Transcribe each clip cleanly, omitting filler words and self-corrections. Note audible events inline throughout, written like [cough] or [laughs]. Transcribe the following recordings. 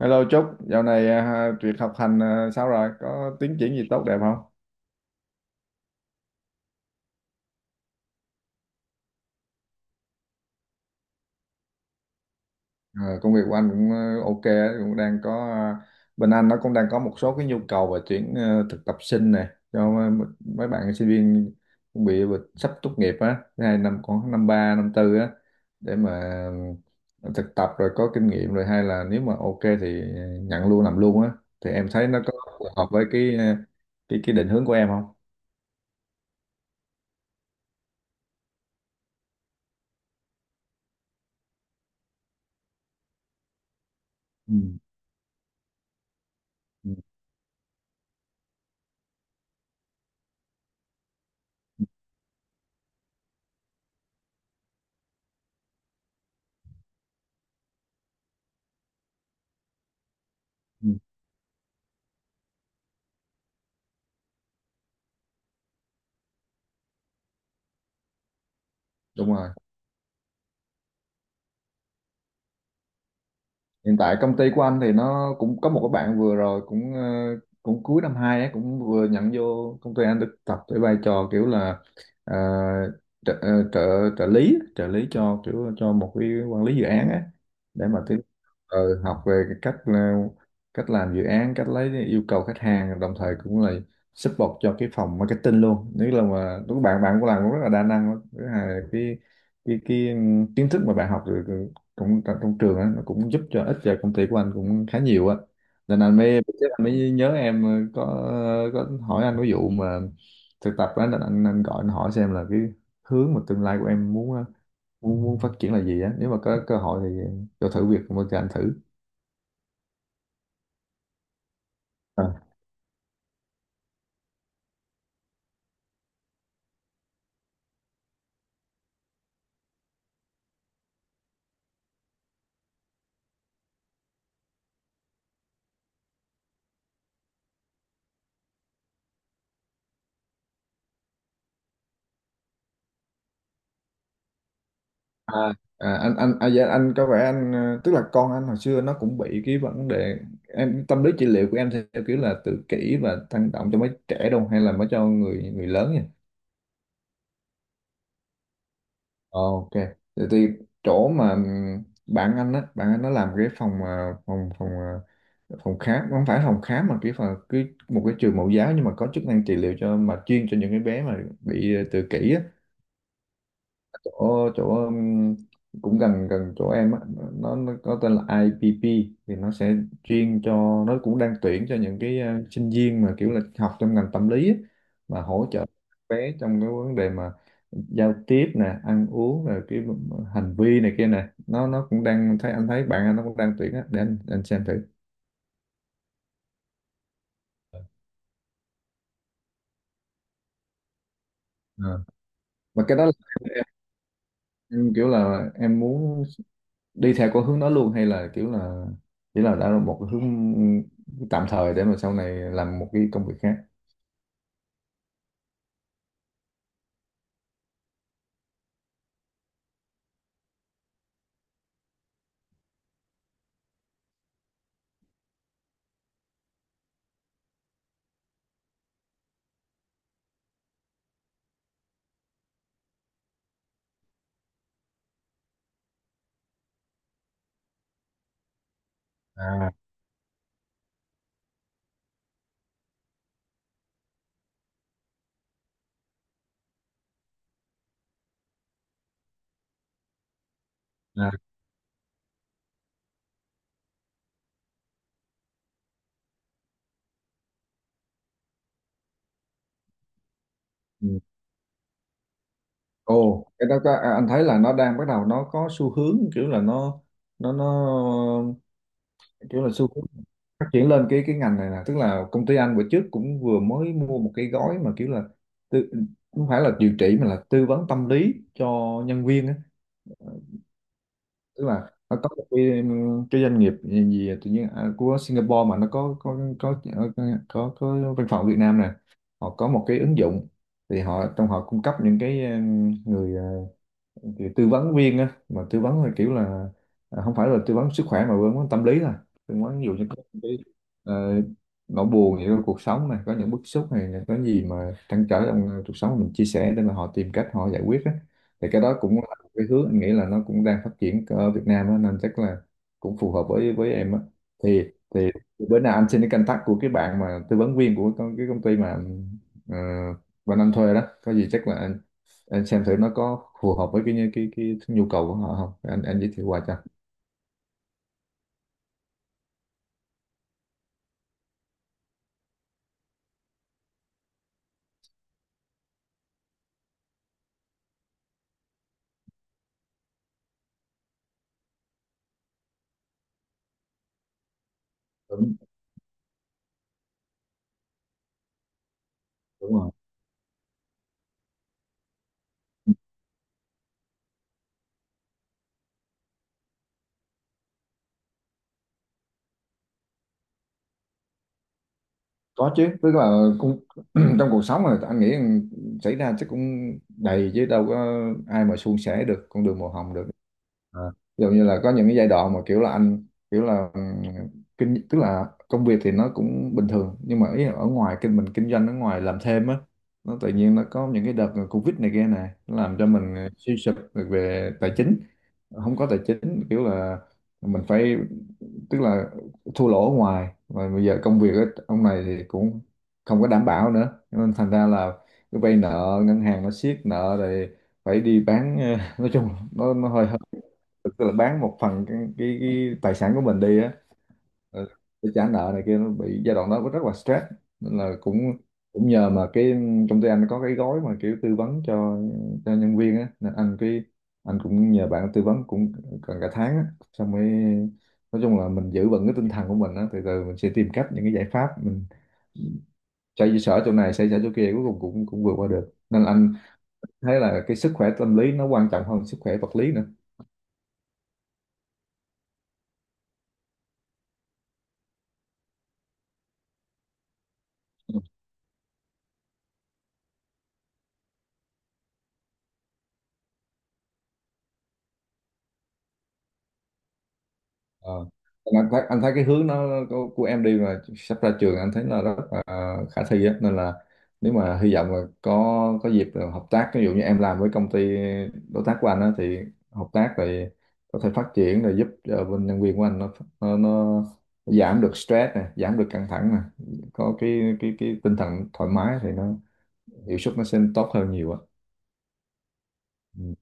Hello Trúc, dạo này à, việc học hành à, sao rồi? Có tiến triển gì tốt đẹp không? Ờ, công việc của anh cũng ok, á, cũng đang có à, bên anh nó cũng đang có một số cái nhu cầu về tuyển thực tập sinh này cho mấy bạn sinh viên cũng bị sắp tốt nghiệp á, thứ hai năm khoảng năm ba năm tư á để mà thực tập rồi có kinh nghiệm rồi hay là nếu mà ok thì nhận luôn làm luôn á thì em thấy nó có phù hợp với cái ờ, cái định hướng của em không? Ừ, ừ, ừ, đúng rồi. Hiện tại công ty của anh thì nó cũng có một cái bạn vừa rồi cũng cuối năm hai ấy cũng vừa nhận vô công ty anh thực tập với vai trò kiểu là ờ, ờ, trợ trợ lý cho kiểu cho một cái quản lý dự án ấy để mà tiến học về cái cách làm dự án, cách lấy yêu cầu khách hàng, đồng thời cũng là support cho cái phòng marketing luôn. Nếu là mà đúng bạn bạn cũng làm cũng rất là đa năng lắm. Thứ hai là cái kiến thức mà bạn học được cũng trong trường á nó cũng giúp cho ích cho công ty của anh cũng khá nhiều á. Nên anh mới sếp anh mới nhớ em, có hỏi anh cái vụ mà thực tập á nên anh gọi anh hỏi xem là cái hướng mà tương lai của em muốn muốn phát triển là gì á, nếu mà có cơ hội thì cho thử việc một cho anh thử. à, à, anh dạ, anh có vẻ anh tức là con anh hồi xưa nó cũng bị cái vấn đề. Em tâm lý trị liệu của em theo kiểu là tự kỷ và tăng động cho mấy trẻ đâu hay là mới cho người người lớn nhỉ? Ok. Thì chỗ mà bạn anh á, bạn anh nó làm cái phòng khám, không phải phòng khám mà cái một cái trường mẫu giáo nhưng mà có chức năng trị liệu cho mà chuyên cho những cái bé mà bị tự kỷ á. Chỗ chỗ cũng gần gần chỗ em á, nó có tên là IPP. Thì nó sẽ chuyên cho, nó cũng đang tuyển cho những cái sinh viên mà kiểu là học trong ngành tâm lý á, mà hỗ trợ bé trong cái vấn đề mà giao tiếp nè, ăn uống, rồi cái hành vi này kia nè. Nó cũng đang thấy, anh thấy bạn anh nó cũng đang tuyển á để anh xem thử. Ờ. Và cái đó là em, em kiểu là em muốn đi theo con hướng đó luôn, hay là kiểu là chỉ là đã là một cái hướng tạm thời để mà sau này làm một cái công việc khác. à à ừ. Ồ cái đó có, anh thấy là nó đang bắt đầu nó có xu hướng kiểu là nó kiểu là xu hướng phát triển lên cái ngành này nè. Tức là công ty anh bữa trước cũng vừa mới mua một cái gói mà kiểu là tư, không phải là điều trị mà là tư vấn tâm lý cho nhân viên á. Tức là nó có một cái doanh nghiệp gì tự nhiên của Singapore mà nó có văn phòng ở Việt Nam nè, họ có một cái ứng dụng thì họ, trong họ cung cấp những cái người thì tư vấn viên á, mà tư vấn là kiểu là không phải là tư vấn sức khỏe mà tư vấn tâm lý thôi. Tư vấn ví dụ như có những cái ờ, nỗi buồn gì trong cuộc sống này, có những bức xúc này, có gì mà trăn trở trong cuộc sống mình chia sẻ để mà họ tìm cách họ giải quyết á. Thì cái đó cũng là một cái hướng anh nghĩ là nó cũng đang phát triển ở Việt Nam á, nên chắc là cũng phù hợp với em á. Thì thì bữa nào anh xin cái contact của cái bạn mà tư vấn viên của cái công ty mà anh thuê đó, có gì chắc là anh xem thử nó có phù hợp với cái nhu cầu của họ không, anh giới thiệu qua cho. Đúng, đúng rồi. Có chứ, tức là cũng [clears throat] trong cuộc sống mà anh nghĩ rằng xảy ra chắc cũng đầy chứ, đâu có ai mà suôn sẻ được con đường màu hồng được. à, Ví dụ như là có những cái giai đoạn mà kiểu là anh kiểu là kinh tức là công việc thì nó cũng bình thường nhưng mà ý là ở ngoài, mình kinh doanh ở ngoài làm thêm á, nó tự nhiên nó có những cái đợt Covid này kia này nó làm cho mình suy sụp về tài chính, không có tài chính kiểu là mình phải, tức là thua lỗ ở ngoài và bây giờ công việc á, ông này thì cũng không có đảm bảo nữa. Cho nên thành ra là cứ vay nợ ngân hàng nó siết nợ rồi phải đi bán [laughs] nói chung nó hơi hơi, tức là bán một phần cái tài sản của mình đi á, ờ, để trả nợ này kia. Nó bị giai đoạn đó có rất là stress, nên là cũng cũng nhờ mà cái công ty anh có cái gói mà kiểu tư vấn cho nhân viên á, nên anh cũng nhờ bạn tư vấn cũng gần cả tháng á, xong mới nói chung là mình giữ vững cái tinh thần của mình á, từ từ mình sẽ tìm cách những cái giải pháp mình xoay sở chỗ này, xoay sở chỗ kia, cuối cùng cũng cũng vượt qua được. Nên là anh thấy là cái sức khỏe tâm lý nó quan trọng hơn sức khỏe vật lý nữa. Ờ. Anh thấy cái hướng nó của em đi mà sắp ra trường, anh thấy là rất là khả thi á, nên là nếu mà hy vọng là có dịp là hợp tác, ví dụ như em làm với công ty đối tác của anh á thì hợp tác rồi có thể phát triển rồi giúp cho bên nhân viên của anh nó giảm được stress nè, giảm được căng thẳng nè, có cái tinh thần thoải mái thì nó hiệu suất nó sẽ tốt hơn nhiều á. Ừ.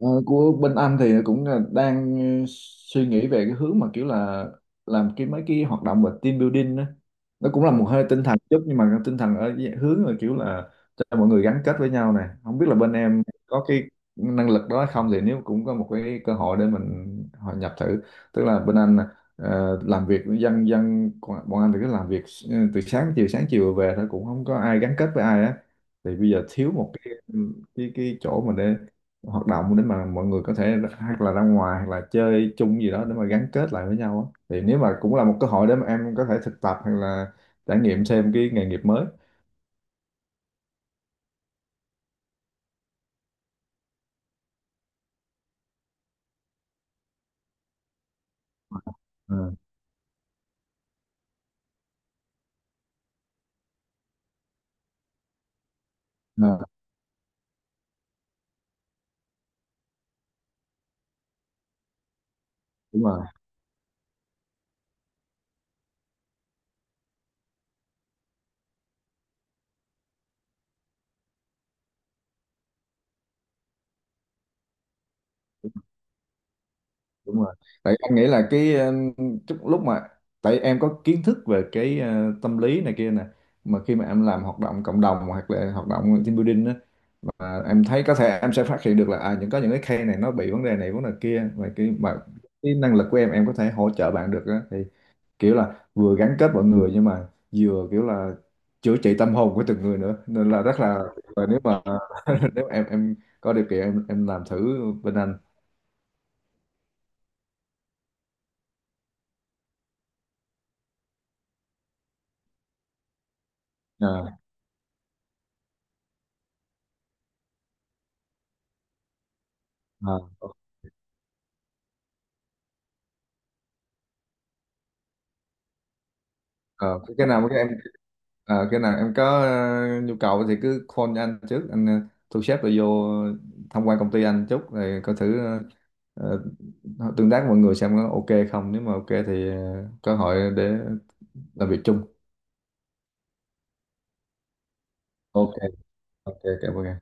Ờ, của bên anh thì cũng là đang ừ, suy nghĩ về cái hướng mà kiểu là làm cái mấy cái hoạt động về team building đó. Nó cũng là một hơi tinh thần chút nhưng mà tinh thần ở dạng hướng là kiểu là cho mọi người gắn kết với nhau này. Không biết là bên em có cái năng lực đó hay không thì nếu cũng có một cái cơ hội để mình hòa nhập thử. Tức là bên anh làm việc dân dân bọn bọn anh thì cứ làm việc từ sáng chiều về thôi cũng không có ai gắn kết với ai á. Thì bây giờ thiếu một cái chỗ mà để hoạt động để mà mọi người có thể hoặc là ra ngoài hoặc là chơi chung gì đó để mà gắn kết lại với nhau á thì nếu mà cũng là một cơ hội để mà em có thể thực tập hoặc là trải nghiệm thêm cái nghề nghiệp mới. Ừ, ừ, đúng rồi, đúng rồi, tại em nghĩ là cái chút lúc mà, tại em có kiến thức về cái tâm lý này kia nè mà khi mà em làm hoạt động cộng đồng hoặc là hoạt động team building á mà em thấy có thể em sẽ phát hiện được là à những có những cái case này nó bị vấn đề này vấn đề kia, và cái năng lực của em có thể hỗ trợ bạn được á thì kiểu là vừa gắn kết mọi người nhưng mà vừa kiểu là chữa trị tâm hồn của từng người nữa nên là rất là. Và nếu mà [laughs] nếu em có điều kiện em làm thử bên anh. À, à, à, cái nào mà cái em à, cái nào em có nhu cầu thì cứ call cho anh trước, anh thu xếp rồi vô tham quan công ty anh chút rồi coi thử ờ, tương tác với mọi người xem có ok không, nếu mà ok thì có hội để làm việc chung. Ok, ok, cảm ơn em.